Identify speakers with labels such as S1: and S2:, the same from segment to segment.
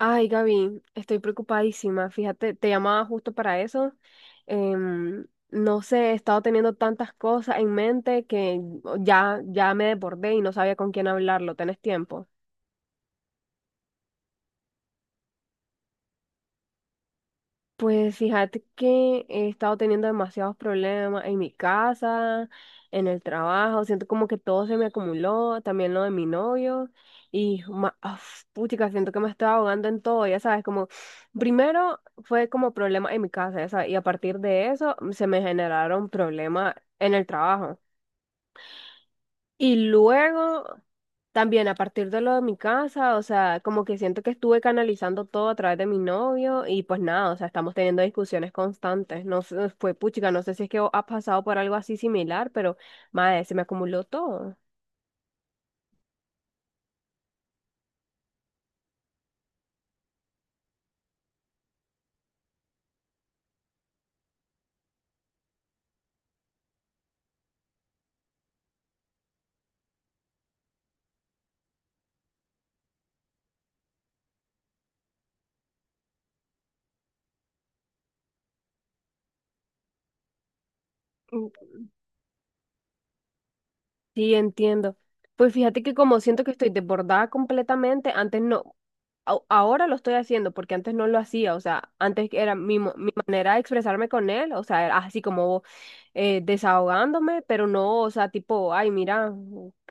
S1: Ay, Gaby, estoy preocupadísima. Fíjate, te llamaba justo para eso. No sé, he estado teniendo tantas cosas en mente que ya, ya me desbordé y no sabía con quién hablarlo. ¿Tenés tiempo? Pues fíjate que he estado teniendo demasiados problemas en mi casa, en el trabajo, siento como que todo se me acumuló, también lo de mi novio, y uf, puchica, siento que me estoy ahogando en todo, ya sabes, como primero fue como problema en mi casa, ya sabes, y a partir de eso se me generaron problemas en el trabajo. Y luego, también a partir de lo de mi casa, o sea, como que siento que estuve canalizando todo a través de mi novio y pues nada, o sea, estamos teniendo discusiones constantes. No sé, fue puchica, no sé si es que has pasado por algo así similar, pero madre, se me acumuló todo. Mm, sí, entiendo. Pues fíjate que como siento que estoy desbordada completamente, antes no, ahora lo estoy haciendo porque antes no lo hacía, o sea, antes era mi manera de expresarme con él, o sea, era así como desahogándome, pero no, o sea, tipo, ay, mira,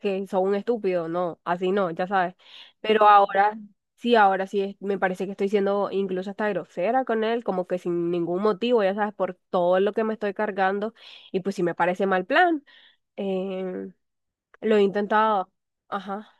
S1: que soy un estúpido, no, así no, ya sabes. Pero ahora sí, me parece que estoy siendo incluso hasta grosera con él, como que sin ningún motivo, ya sabes, por todo lo que me estoy cargando, y pues sí me parece mal plan. Eh, lo he intentado, ajá.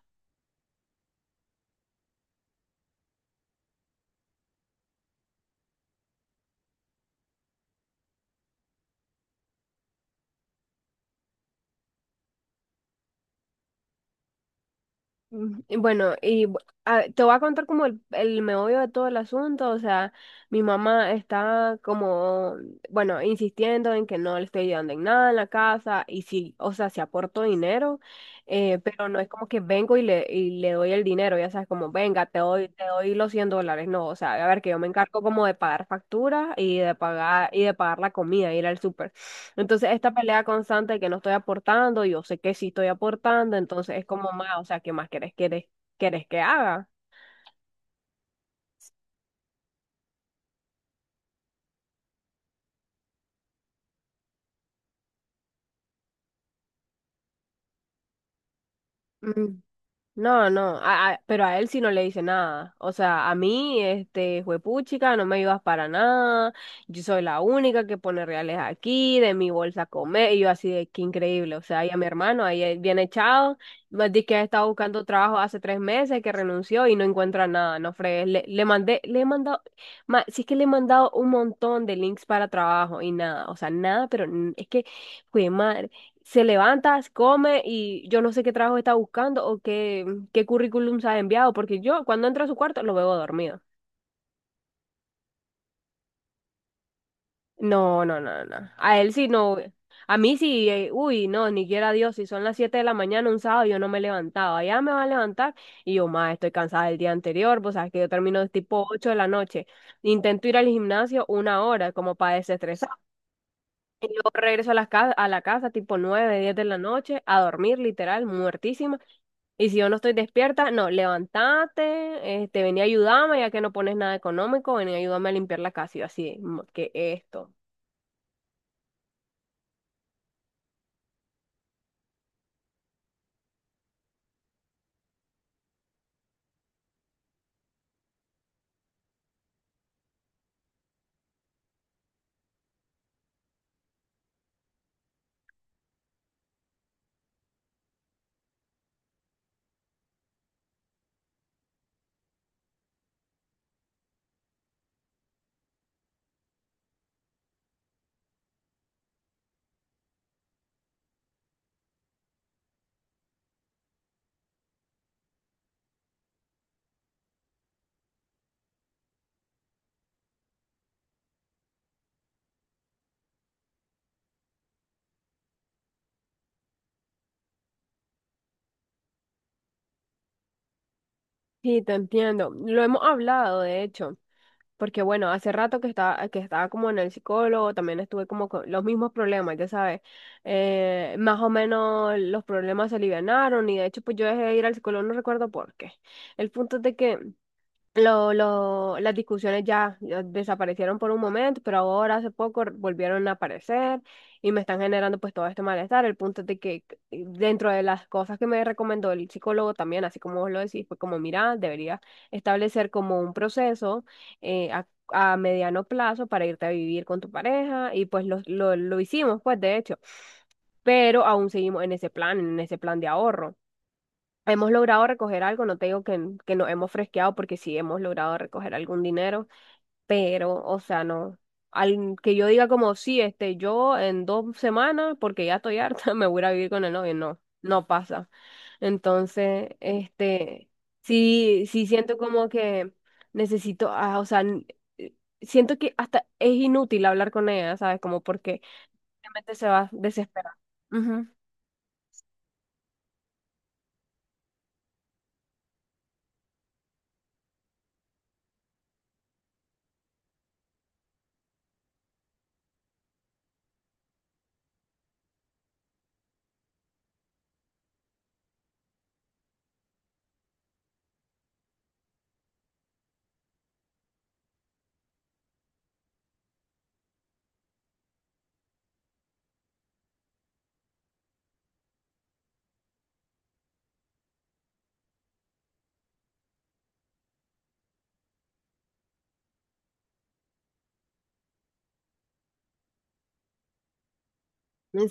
S1: Y bueno, y te voy a contar como el meollo de todo el asunto, o sea, mi mamá está como, bueno, insistiendo en que no le estoy ayudando en nada en la casa, y sí, o sea, sí aporto dinero, pero no es como que vengo y le doy el dinero, ya sabes, como, venga, te doy los $100, no, o sea, a ver, que yo me encargo como de pagar facturas y de pagar la comida, ir al súper. Entonces, esta pelea constante de que no estoy aportando, yo sé que sí estoy aportando, entonces es como más, o sea, ¿qué más querés que haga? No, no, pero a él sí no le dice nada. O sea, a mí, este, juepuchica, no me ayudas para nada. Yo soy la única que pone reales aquí, de mi bolsa a comer. Y yo así de que increíble. O sea, y a mi hermano, ahí bien echado. Me dice que ha estado buscando trabajo hace 3 meses, que renunció y no encuentra nada. No fregues. Le mandé, le he mandado, sí es que le he mandado un montón de links para trabajo y nada. O sea, nada, pero es que, fue se levanta, come y yo no sé qué trabajo está buscando o qué, qué currículum se ha enviado, porque yo cuando entro a su cuarto lo veo dormido. No, no, no, no. A él sí no. A mí sí, uy, no, ni quiera Dios, si son las 7 de la mañana un sábado yo no me he levantado, allá me va a levantar y yo, más estoy cansada del día anterior, pues sabes que yo termino tipo 8 de la noche, intento ir al gimnasio 1 hora como para desestresar. Y yo regreso a la casa tipo 9 10 de la noche, a dormir, literal, muertísima. Y si yo no estoy despierta, no, levantate, este, vení a ayudarme, ya que no pones nada económico, vení a ayudarme a limpiar la casa. Y yo así, "Mm, ¿qué es esto? Sí, te entiendo. Lo hemos hablado, de hecho, porque bueno, hace rato que estaba como en el psicólogo, también estuve como con los mismos problemas, ya sabes. Más o menos los problemas se alivianaron y de hecho pues yo dejé de ir al psicólogo, no recuerdo por qué. El punto es de que. Las discusiones ya, ya desaparecieron por un momento, pero ahora hace poco volvieron a aparecer y me están generando pues todo este malestar. El punto es de que dentro de las cosas que me recomendó el psicólogo también, así como vos lo decís, fue como, mira, deberías establecer como un proceso a mediano plazo para irte a vivir con tu pareja y pues lo hicimos pues de hecho, pero aún seguimos en ese plan de ahorro. Hemos logrado recoger algo, no te digo que, que nos hemos fresqueado porque sí hemos logrado recoger algún dinero, pero, o sea, no, al que yo diga como, sí, este, yo en 2 semanas, porque ya estoy harta, me voy a ir a vivir con el novio, no, no pasa. Entonces, este, sí, sí siento como que necesito, o sea, eh, siento que hasta es inútil hablar con ella, ¿sabes? Como porque realmente se va a desesperar. Ujú.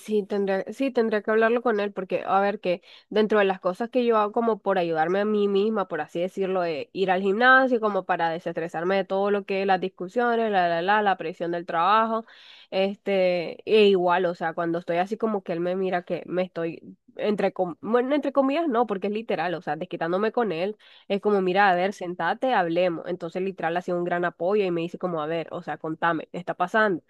S1: Sí, tendría que hablarlo con él porque, a ver, que dentro de las cosas que yo hago como por ayudarme a mí misma, por así decirlo, de ir al gimnasio, como para desestresarme de todo lo que es las discusiones, la presión del trabajo, este, e igual, o sea, cuando estoy así como que él me mira que me estoy, bueno, entre comillas, no, porque es literal, o sea, desquitándome con él, es como, mira, a ver, sentate, hablemos. Entonces, literal, ha sido un gran apoyo y me dice como, a ver, o sea, contame, ¿qué está pasando?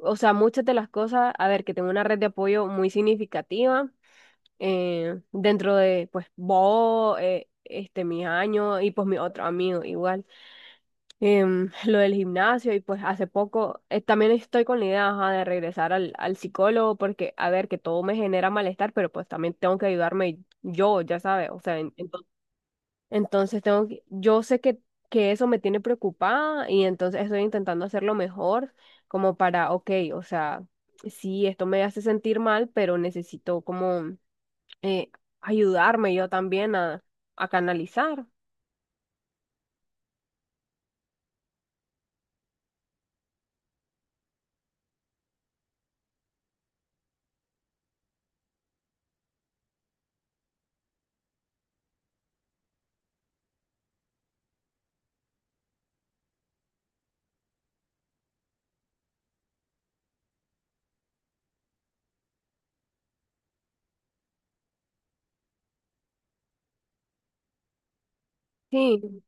S1: O sea, muchas de las cosas, a ver, que tengo una red de apoyo muy significativa dentro de, pues, vos, este, mis años y pues mis otros amigos igual. Lo del gimnasio y pues hace poco también estoy con la idea, ajá, de regresar al psicólogo porque, a ver, que todo me genera malestar, pero pues también tengo que ayudarme yo, ya sabes, o sea, entonces yo sé que eso me tiene preocupada y entonces estoy intentando hacerlo mejor como para, ok, o sea, sí, esto me hace sentir mal, pero necesito como eh, ayudarme yo también a canalizar. Sí,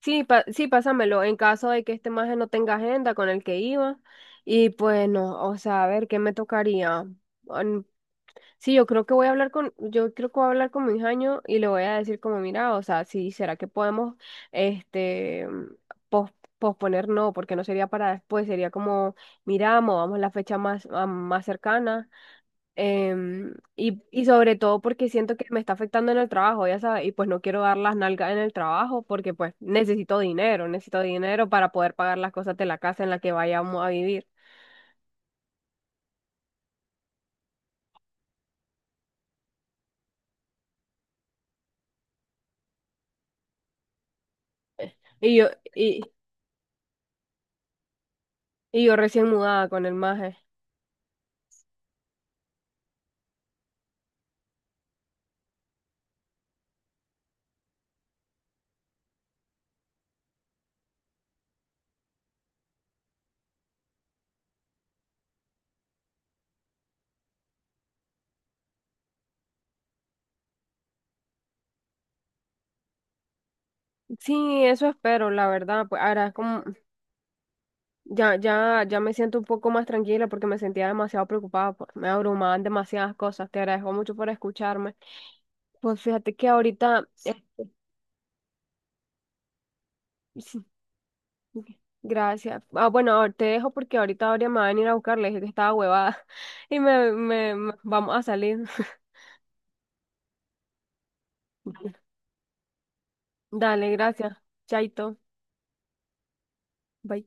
S1: sí, sí, pásamelo en caso de que este maje no tenga agenda con el que iba y pues no, o sea, a ver, ¿qué me tocaría? Mm. Sí, yo creo que voy a hablar con mi jaño y le voy a decir como, mira, o sea, sí, ¿será que podemos, este, pos- posponer? No, porque no sería para después, sería como, mira, movamos la fecha más cercana. Y sobre todo porque siento que me está afectando en el trabajo, ya sabes, y pues no quiero dar las nalgas en el trabajo porque pues necesito dinero para poder pagar las cosas de la casa en la que vayamos a vivir. Y yo, y, y yo recién mudada con el maje. Sí, eso espero, la verdad, pues ahora como ya, ya, ya me siento un poco más tranquila porque me sentía demasiado preocupada, pues, me abrumaban demasiadas cosas. Te agradezco mucho por escucharme. Pues fíjate que ahorita, sí, gracias. Ah, bueno, te dejo porque ahorita Aurea me va a venir a buscar, le dije que estaba huevada y vamos a salir. Dale, gracias. Chaito. Bye.